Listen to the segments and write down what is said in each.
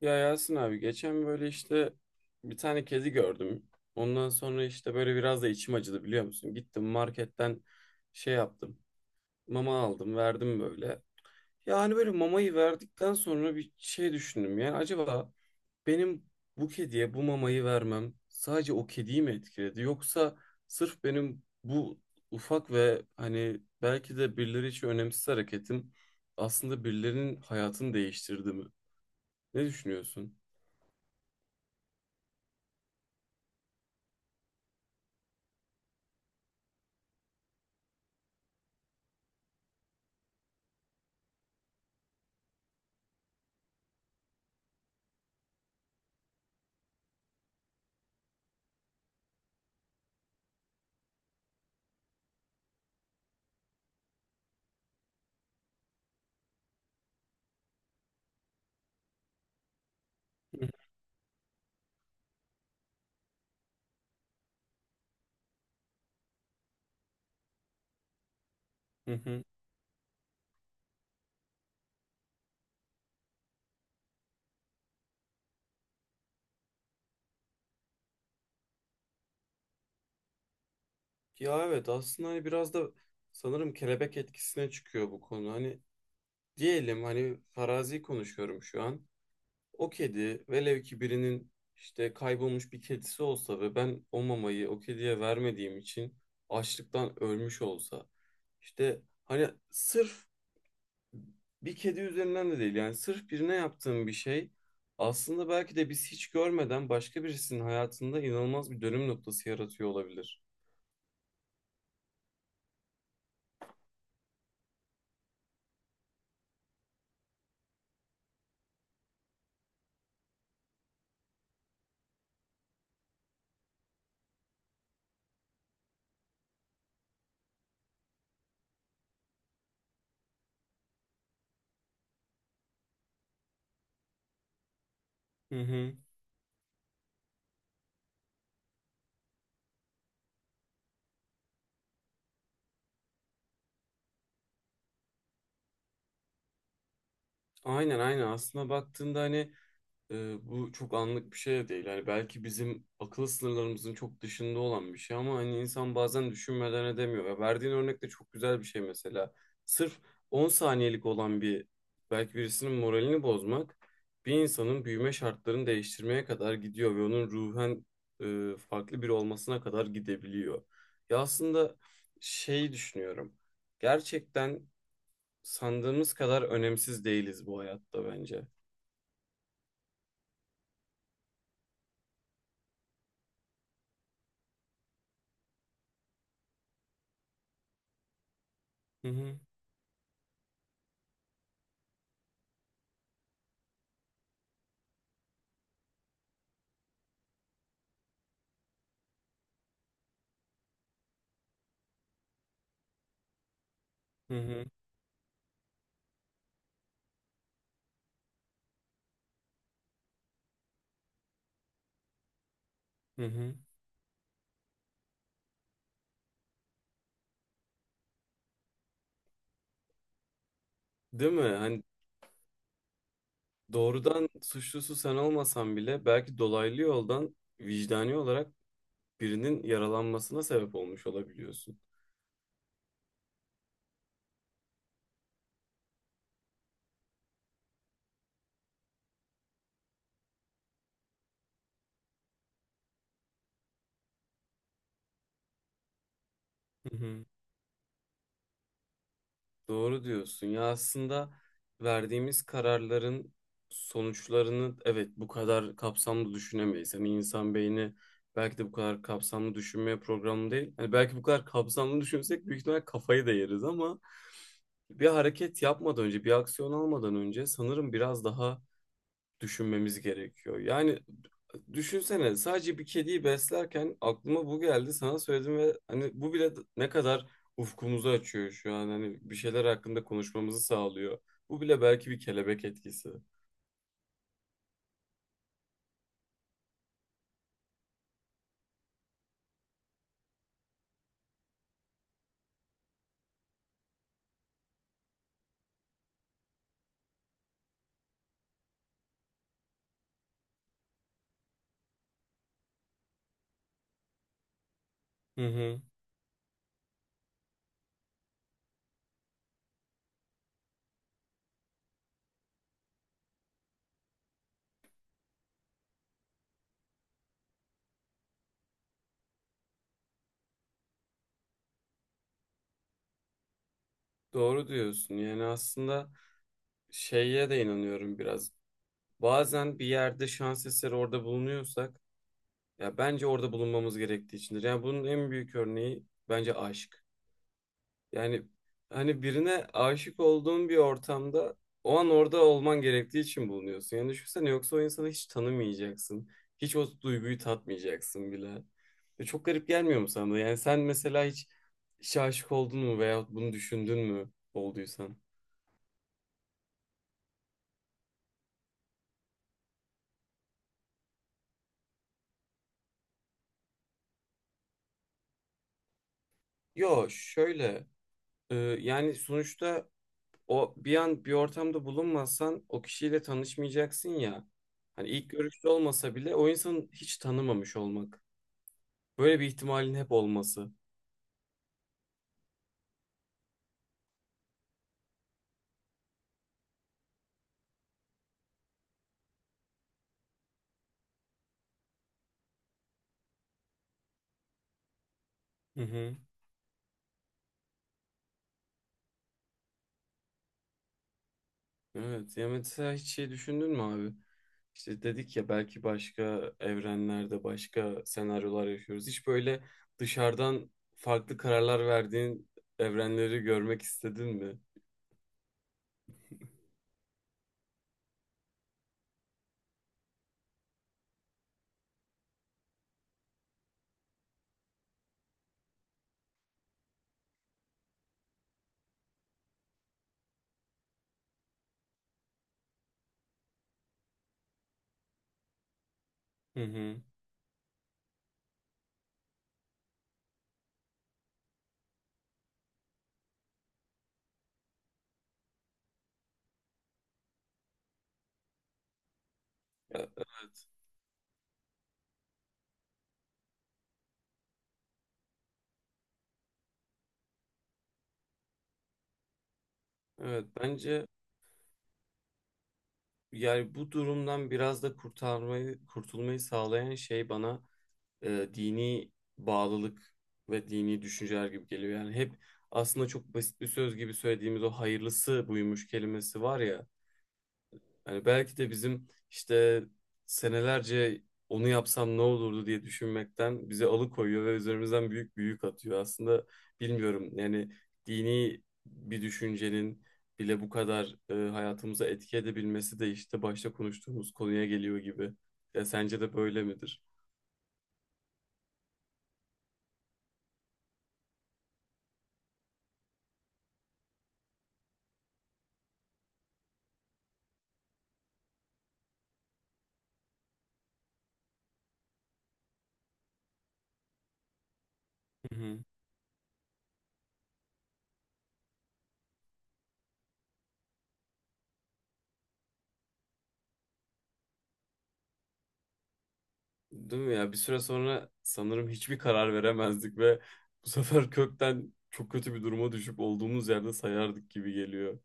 Ya Yasin abi, geçen böyle işte bir tane kedi gördüm. Ondan sonra işte böyle biraz da içim acıdı, biliyor musun? Gittim marketten şey yaptım. Mama aldım, verdim böyle. Ya hani böyle mamayı verdikten sonra bir şey düşündüm. Yani acaba benim bu kediye bu mamayı vermem sadece o kediyi mi etkiledi? Yoksa sırf benim bu ufak ve hani belki de birileri için önemsiz hareketim aslında birilerinin hayatını değiştirdi mi? Ne düşünüyorsun? Hı hı. Ya evet, aslında hani biraz da sanırım kelebek etkisine çıkıyor bu konu. Hani diyelim, hani farazi konuşuyorum şu an. O kedi velev ki birinin işte kaybolmuş bir kedisi olsa ve ben o mamayı o kediye vermediğim için açlıktan ölmüş olsa. İşte hani sırf bir kedi üzerinden de değil, yani sırf birine yaptığım bir şey aslında belki de biz hiç görmeden başka birisinin hayatında inanılmaz bir dönüm noktası yaratıyor olabilir. Hı hı. Aynen aynen, aslında baktığında hani bu çok anlık bir şey de değil. Hani belki bizim akıl sınırlarımızın çok dışında olan bir şey ama hani insan bazen düşünmeden edemiyor. Ya verdiğin örnek de çok güzel bir şey mesela. Sırf 10 saniyelik olan bir, belki birisinin moralini bozmak, bir insanın büyüme şartlarını değiştirmeye kadar gidiyor ve onun ruhen farklı biri olmasına kadar gidebiliyor. Ya aslında şey düşünüyorum. Gerçekten sandığımız kadar önemsiz değiliz bu hayatta bence. Hı hı, hı hı, hı hı. Değil mi? Hani doğrudan suçlusu sen olmasan bile belki dolaylı yoldan, vicdani olarak birinin yaralanmasına sebep olmuş olabiliyorsun. Hı hı. Doğru diyorsun. Ya aslında verdiğimiz kararların sonuçlarını, evet, bu kadar kapsamlı düşünemeyiz. Hani insan beyni belki de bu kadar kapsamlı düşünmeye programlı değil. Hani belki bu kadar kapsamlı düşünsek büyük ihtimal kafayı da yeriz ama bir hareket yapmadan önce, bir aksiyon almadan önce sanırım biraz daha düşünmemiz gerekiyor. Yani düşünsene, sadece bir kediyi beslerken aklıma bu geldi, sana söyledim ve hani bu bile ne kadar ufkumuzu açıyor şu an, hani bir şeyler hakkında konuşmamızı sağlıyor. Bu bile belki bir kelebek etkisi. Hı hı. Doğru diyorsun. Yani aslında şeye de inanıyorum biraz. Bazen bir yerde şans eseri orada bulunuyorsak ya bence orada bulunmamız gerektiği içindir. Yani bunun en büyük örneği bence aşk. Yani hani birine aşık olduğun bir ortamda o an orada olman gerektiği için bulunuyorsun. Yani düşünsene, yoksa o insanı hiç tanımayacaksın. Hiç o duyguyu tatmayacaksın bile. Ve çok garip gelmiyor mu sana da? Yani sen mesela hiç işe aşık oldun mu, veyahut bunu düşündün mü olduysan? Yo, şöyle yani sonuçta o bir an bir ortamda bulunmazsan o kişiyle tanışmayacaksın ya. Hani ilk görüşte olmasa bile o insanı hiç tanımamış olmak. Böyle bir ihtimalin hep olması. Hı hı. Evet. Ya mesela hiç şey düşündün mü abi? İşte dedik ya, belki başka evrenlerde başka senaryolar yaşıyoruz. Hiç böyle dışarıdan farklı kararlar verdiğin evrenleri görmek istedin mi? Hı hı. Ya, evet bence yani bu durumdan biraz da kurtarmayı, kurtulmayı sağlayan şey bana dini bağlılık ve dini düşünceler gibi geliyor. Yani hep aslında çok basit bir söz gibi söylediğimiz o hayırlısı buymuş kelimesi var ya. Hani belki de bizim işte senelerce onu yapsam ne olurdu diye düşünmekten bizi alıkoyuyor ve üzerimizden büyük bir yük atıyor. Aslında bilmiyorum yani, dini bir düşüncenin bile bu kadar hayatımıza etki edebilmesi de işte başta konuştuğumuz konuya geliyor gibi. Ya sence de böyle midir? Hı hı. Değil mi ya? Bir süre sonra sanırım hiçbir karar veremezdik ve bu sefer kökten çok kötü bir duruma düşüp olduğumuz yerde sayardık gibi geliyor.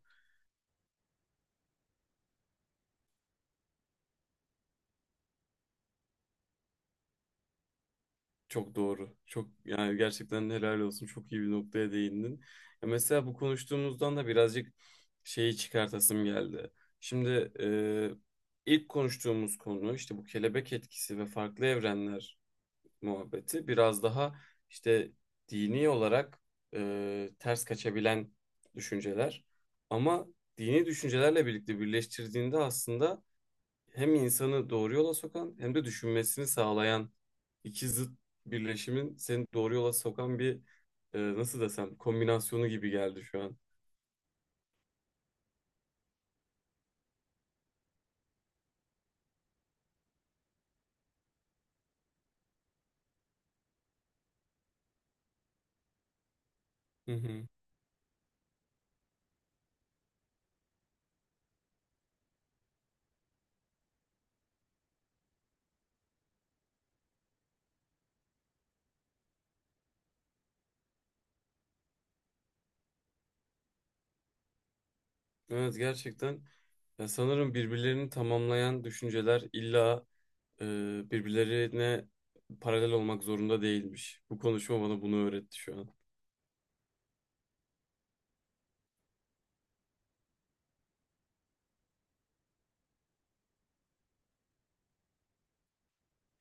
Çok doğru. Çok, yani gerçekten helal olsun. Çok iyi bir noktaya değindin. Ya mesela bu konuştuğumuzdan da birazcık şeyi çıkartasım geldi. Şimdi ilk konuştuğumuz konu işte bu kelebek etkisi ve farklı evrenler muhabbeti biraz daha işte dini olarak ters kaçabilen düşünceler. Ama dini düşüncelerle birlikte birleştirdiğinde aslında hem insanı doğru yola sokan hem de düşünmesini sağlayan iki zıt birleşimin seni doğru yola sokan bir, nasıl desem, kombinasyonu gibi geldi şu an. Hı hı. Evet, gerçekten ya sanırım birbirlerini tamamlayan düşünceler illa e, birbirlerine paralel olmak zorunda değilmiş. Bu konuşma bana bunu öğretti şu an.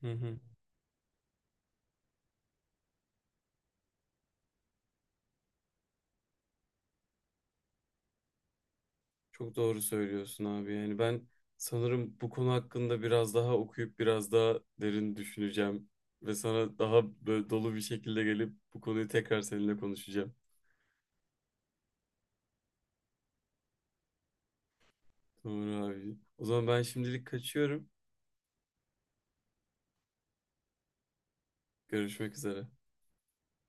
Hı hı. Çok doğru söylüyorsun abi. Yani ben sanırım bu konu hakkında biraz daha okuyup biraz daha derin düşüneceğim ve sana daha böyle dolu bir şekilde gelip bu konuyu tekrar seninle konuşacağım. Doğru abi. O zaman ben şimdilik kaçıyorum. Görüşmek üzere.